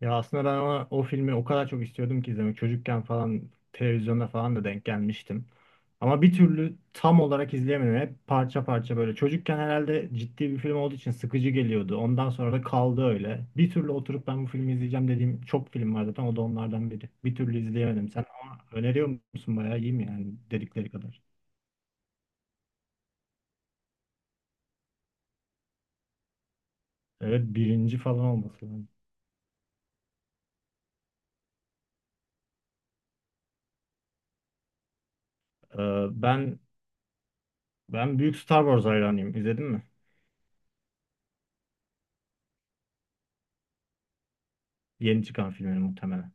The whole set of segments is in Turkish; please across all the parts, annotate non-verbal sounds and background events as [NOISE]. Ya aslında ben o filmi o kadar çok istiyordum ki izlemek. Çocukken falan televizyonda falan da denk gelmiştim. Ama bir türlü tam olarak izleyemedim. Hep parça parça böyle. Çocukken herhalde ciddi bir film olduğu için sıkıcı geliyordu. Ondan sonra da kaldı öyle. Bir türlü oturup ben bu filmi izleyeceğim dediğim çok film var zaten. O da onlardan biri. Bir türlü izleyemedim. Sen ama öneriyor musun? Bayağı iyi mi yani dedikleri kadar? Evet birinci falan olması lazım. Ee, ben ben büyük Star Wars hayranıyım. İzledin mi? Yeni çıkan filmini muhtemelen.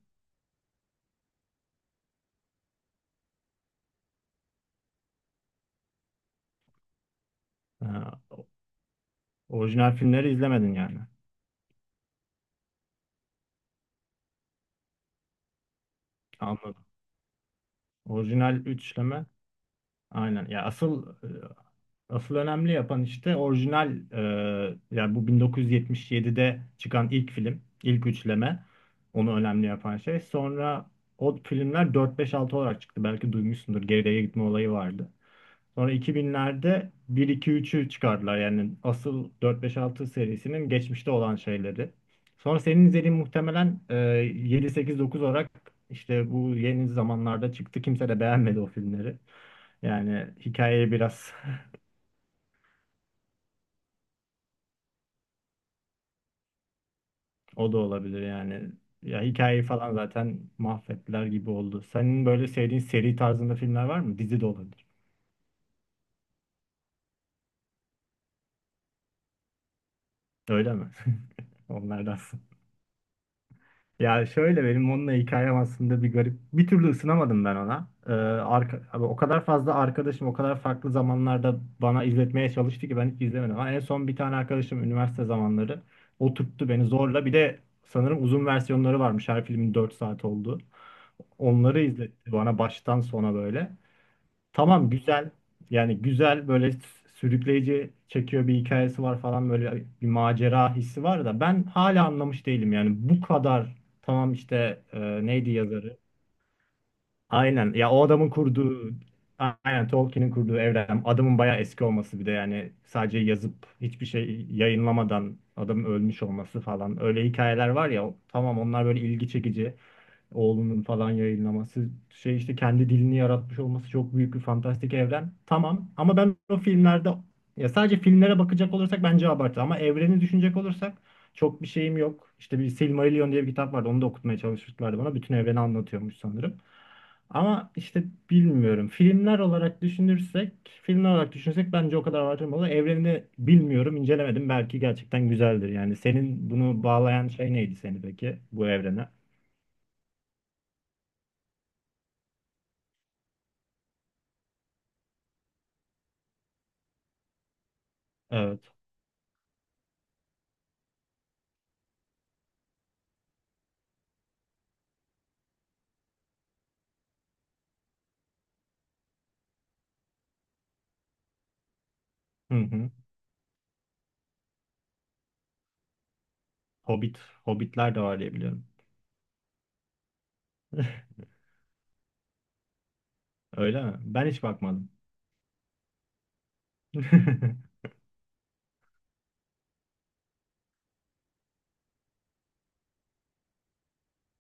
Orijinal filmleri izlemedin yani. Anladım. Orijinal üçleme. Aynen. Ya asıl önemli yapan işte orijinal yani bu 1977'de çıkan ilk film, ilk üçleme. Onu önemli yapan şey. Sonra o filmler 4 5 6 olarak çıktı. Belki duymuşsundur. Geriye gitme olayı vardı. Sonra 2000'lerde bir iki üçü çıkardılar. Yani asıl dört beş altı serisinin geçmişte olan şeyleri. Sonra senin izlediğin muhtemelen yedi sekiz dokuz olarak işte bu yeni zamanlarda çıktı. Kimse de beğenmedi o filmleri. Yani hikayeyi biraz [LAUGHS] o da olabilir yani. Ya hikayeyi falan zaten mahvettiler gibi oldu. Senin böyle sevdiğin seri tarzında filmler var mı? Dizi de olabilir. Öyle mi? [LAUGHS] Onlardan. Ya şöyle benim onunla hikayem aslında bir garip. Bir türlü ısınamadım ben ona. Abi o kadar fazla arkadaşım o kadar farklı zamanlarda bana izletmeye çalıştı ki ben hiç izlemedim. Ama en son bir tane arkadaşım üniversite zamanları oturttu beni zorla. Bir de sanırım uzun versiyonları varmış. Her filmin 4 saat oldu. Onları izletti bana baştan sona böyle. Tamam güzel. Yani güzel böyle sürükleyici çekiyor bir hikayesi var falan böyle bir macera hissi var da ben hala anlamış değilim yani bu kadar tamam işte neydi yazarı? Aynen ya o adamın kurduğu aynen Tolkien'in kurduğu evren adamın bayağı eski olması bir de yani sadece yazıp hiçbir şey yayınlamadan adamın ölmüş olması falan öyle hikayeler var ya tamam onlar böyle ilgi çekici oğlunun falan yayınlaması şey işte kendi dilini yaratmış olması çok büyük bir fantastik evren. Tamam ama ben o filmlerde ya sadece filmlere bakacak olursak bence abartı ama evreni düşünecek olursak çok bir şeyim yok. İşte bir Silmarillion diye bir kitap vardı. Onu da okutmaya çalışmışlardı bana. Bütün evreni anlatıyormuş sanırım. Ama işte bilmiyorum. Filmler olarak düşünürsek, bence o kadar abartılmalı. Evrenini bilmiyorum, incelemedim. Belki gerçekten güzeldir. Yani senin bunu bağlayan şey neydi seni peki bu evrene? Evet. Hı hı. Hobbit, Hobbitler de var diye biliyorum. [LAUGHS] Öyle mi? Ben hiç bakmadım. [LAUGHS]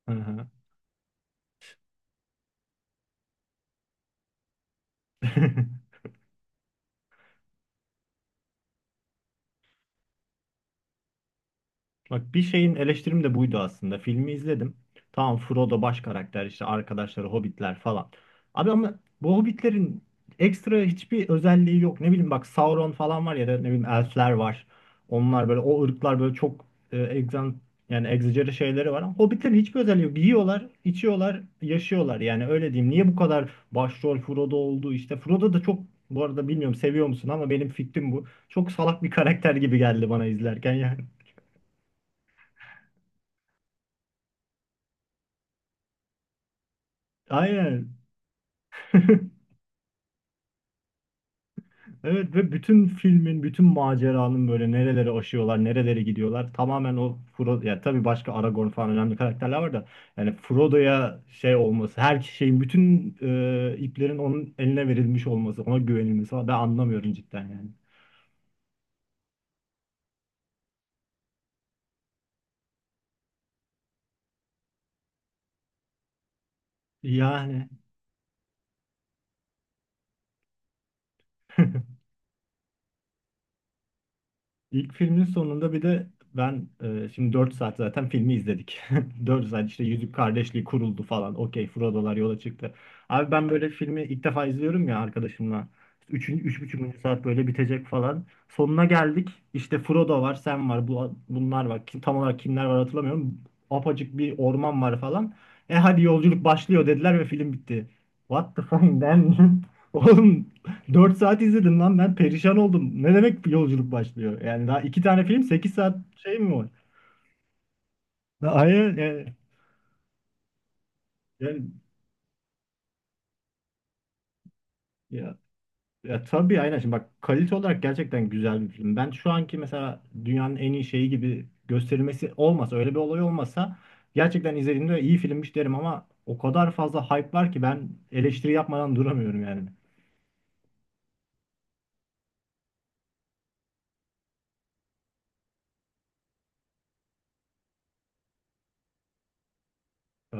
Hı hı. [LAUGHS] Bak bir şeyin eleştirim de buydu aslında. Filmi izledim. Tamam Frodo baş karakter işte arkadaşları hobbitler falan. Abi ama bu hobbitlerin ekstra hiçbir özelliği yok. Ne bileyim bak Sauron falan var ya da ne bileyim elfler var. Onlar böyle o ırklar böyle çok e, egzan yani egzajeri şeyleri var ama hobbitlerin hiçbir özelliği yok. Yiyorlar, içiyorlar, yaşıyorlar. Yani öyle diyeyim. Niye bu kadar başrol Frodo oldu işte. Frodo da çok bu arada bilmiyorum seviyor musun ama benim fikrim bu. Çok salak bir karakter gibi geldi bana izlerken yani. [LAUGHS] Aynen. [LAUGHS] Evet ve bütün filmin, bütün maceranın böyle nerelere aşıyorlar, nerelere gidiyorlar. Tamamen o Frodo, ya tabii başka Aragorn falan önemli karakterler var da yani Frodo'ya şey olması, her şeyin, bütün iplerin onun eline verilmiş olması, ona güvenilmesi falan ben anlamıyorum cidden yani. Yani [LAUGHS] İlk filmin sonunda bir de ben şimdi 4 saat zaten filmi izledik. [LAUGHS] 4 saat işte Yüzük Kardeşliği kuruldu falan. Okey Frodo'lar yola çıktı. Abi ben böyle filmi ilk defa izliyorum ya arkadaşımla. 3. 3,5. Saat böyle bitecek falan. Sonuna geldik. İşte Frodo var, Sam var, bu, bunlar var. Kim, tam olarak kimler var hatırlamıyorum. Apacık bir orman var falan. E hadi yolculuk başlıyor dediler ve film bitti. What the fuck man? [LAUGHS] Oğlum 4 saat izledim lan ben perişan oldum. Ne demek yolculuk başlıyor? Yani daha iki tane film 8 saat şey mi var? Ya hayır yani, yani- ya, ya tabii aynen şimdi bak kalite olarak gerçekten güzel bir film. Ben şu anki mesela dünyanın en iyi şeyi gibi gösterilmesi olmasa öyle bir olay olmasa gerçekten izlediğimde iyi filmmiş derim ama o kadar fazla hype var ki ben eleştiri yapmadan duramıyorum yani. Ee,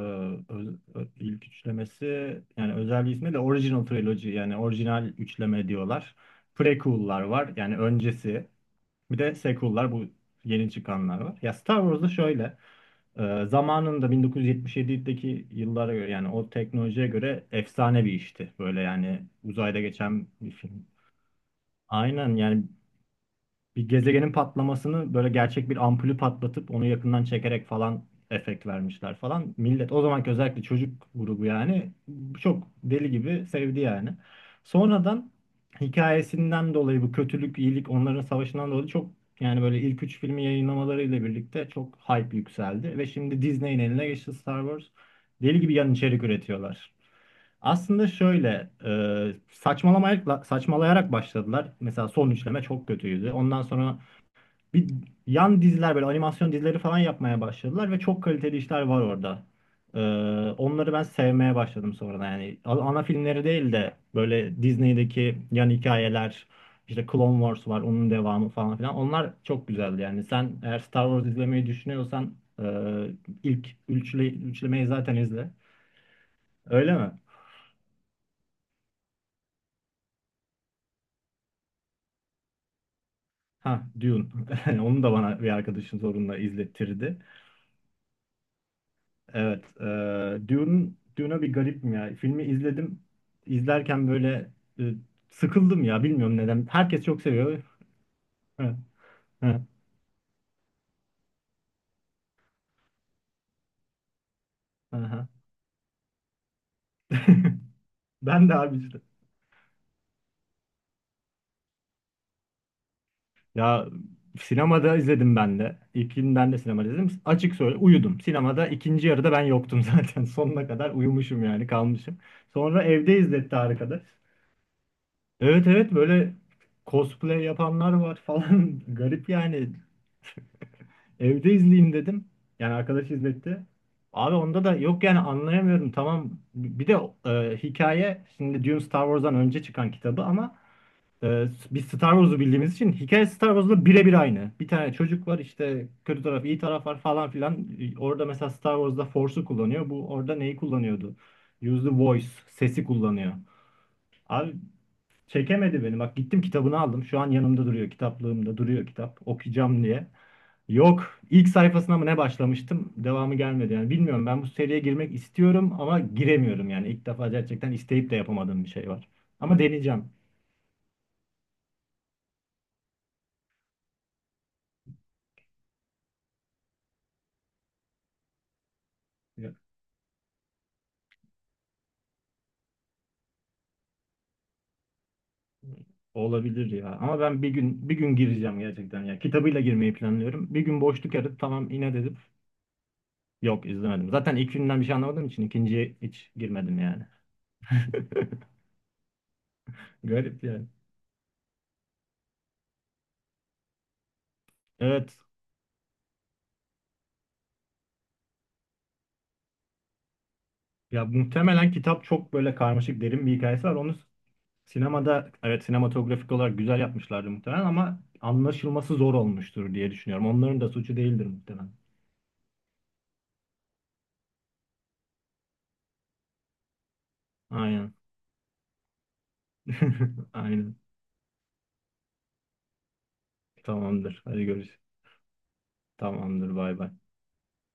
ilk üçlemesi yani özel bir ismi de Original Trilogy yani orijinal üçleme diyorlar. Prequel'lar var yani öncesi. Bir de sequel'lar bu yeni çıkanlar var. Ya Star Wars'da şöyle zamanında 1977'deki yıllara göre yani o teknolojiye göre efsane bir işti. Böyle yani uzayda geçen bir film. Aynen yani bir gezegenin patlamasını böyle gerçek bir ampulü patlatıp onu yakından çekerek falan efekt vermişler falan. Millet o zamanki özellikle çocuk grubu yani çok deli gibi sevdi yani. Sonradan hikayesinden dolayı bu kötülük, iyilik onların savaşından dolayı çok yani böyle ilk üç filmi yayınlamalarıyla birlikte çok hype yükseldi ve şimdi Disney'in eline geçti Star Wars. Deli gibi yan içerik üretiyorlar. Aslında şöyle saçmalayarak başladılar. Mesela son üçleme çok kötüydü. Ondan sonra bir yan diziler böyle animasyon dizileri falan yapmaya başladılar ve çok kaliteli işler var orada. E, Onları ben sevmeye başladım sonradan. Yani ana filmleri değil de böyle Disney'deki yan hikayeler, işte Clone Wars var, onun devamı falan filan. Onlar çok güzeldi yani. Sen eğer Star Wars izlemeyi düşünüyorsan e, ilk üçlemeyi zaten izle. Öyle mi? Ha, Dune. [LAUGHS] Onu da bana bir arkadaşın zorunla izlettirdi. Evet, Dune, Dune'a bir garipim ya. Filmi izledim. İzlerken böyle e, sıkıldım ya. Bilmiyorum neden. Herkes çok seviyor. Ha, ha, aha. [LAUGHS] Ben de abi işte. Ya sinemada izledim ben de. İlkinden de sinemada izledim. Açık söyle uyudum. Sinemada ikinci yarıda ben yoktum zaten. [LAUGHS] Sonuna kadar uyumuşum yani kalmışım. Sonra evde izletti arkadaş. Evet evet böyle cosplay yapanlar var falan. [LAUGHS] Garip yani. Evde izleyeyim dedim. Yani arkadaş izletti. Abi onda da yok yani anlayamıyorum. Tamam bir de hikaye şimdi Dune Star Wars'dan önce çıkan kitabı ama e, biz Star Wars'u bildiğimiz için hikaye Star Wars'la birebir aynı. Bir tane çocuk var işte kötü taraf iyi taraf var falan filan. E, orada mesela Star Wars'da Force'u kullanıyor. Bu orada neyi kullanıyordu? Use the voice sesi kullanıyor. Abi çekemedi beni. Bak gittim kitabını aldım. Şu an yanımda duruyor. Kitaplığımda duruyor kitap. Okuyacağım diye. Yok. İlk sayfasına mı ne başlamıştım? Devamı gelmedi. Yani bilmiyorum. Ben bu seriye girmek istiyorum ama giremiyorum. Yani İlk defa gerçekten isteyip de yapamadığım bir şey var. Ama deneyeceğim. Ya, olabilir ya. Ama ben bir gün bir gün gireceğim gerçekten ya. Kitabıyla girmeyi planlıyorum. Bir gün boşluk arayıp tamam yine dedim. Yok izlemedim. Zaten ilk günden bir şey anlamadığım için ikinciye hiç girmedim yani. [LAUGHS] Garip yani. Evet. Ya muhtemelen kitap çok böyle karmaşık derin bir hikayesi var. Onu sinemada evet sinematografik olarak güzel yapmışlardı muhtemelen ama anlaşılması zor olmuştur diye düşünüyorum. Onların da suçu değildir muhtemelen. Aynen. [LAUGHS] Aynen. Tamamdır. Hadi görüş. Tamamdır. Bay bay.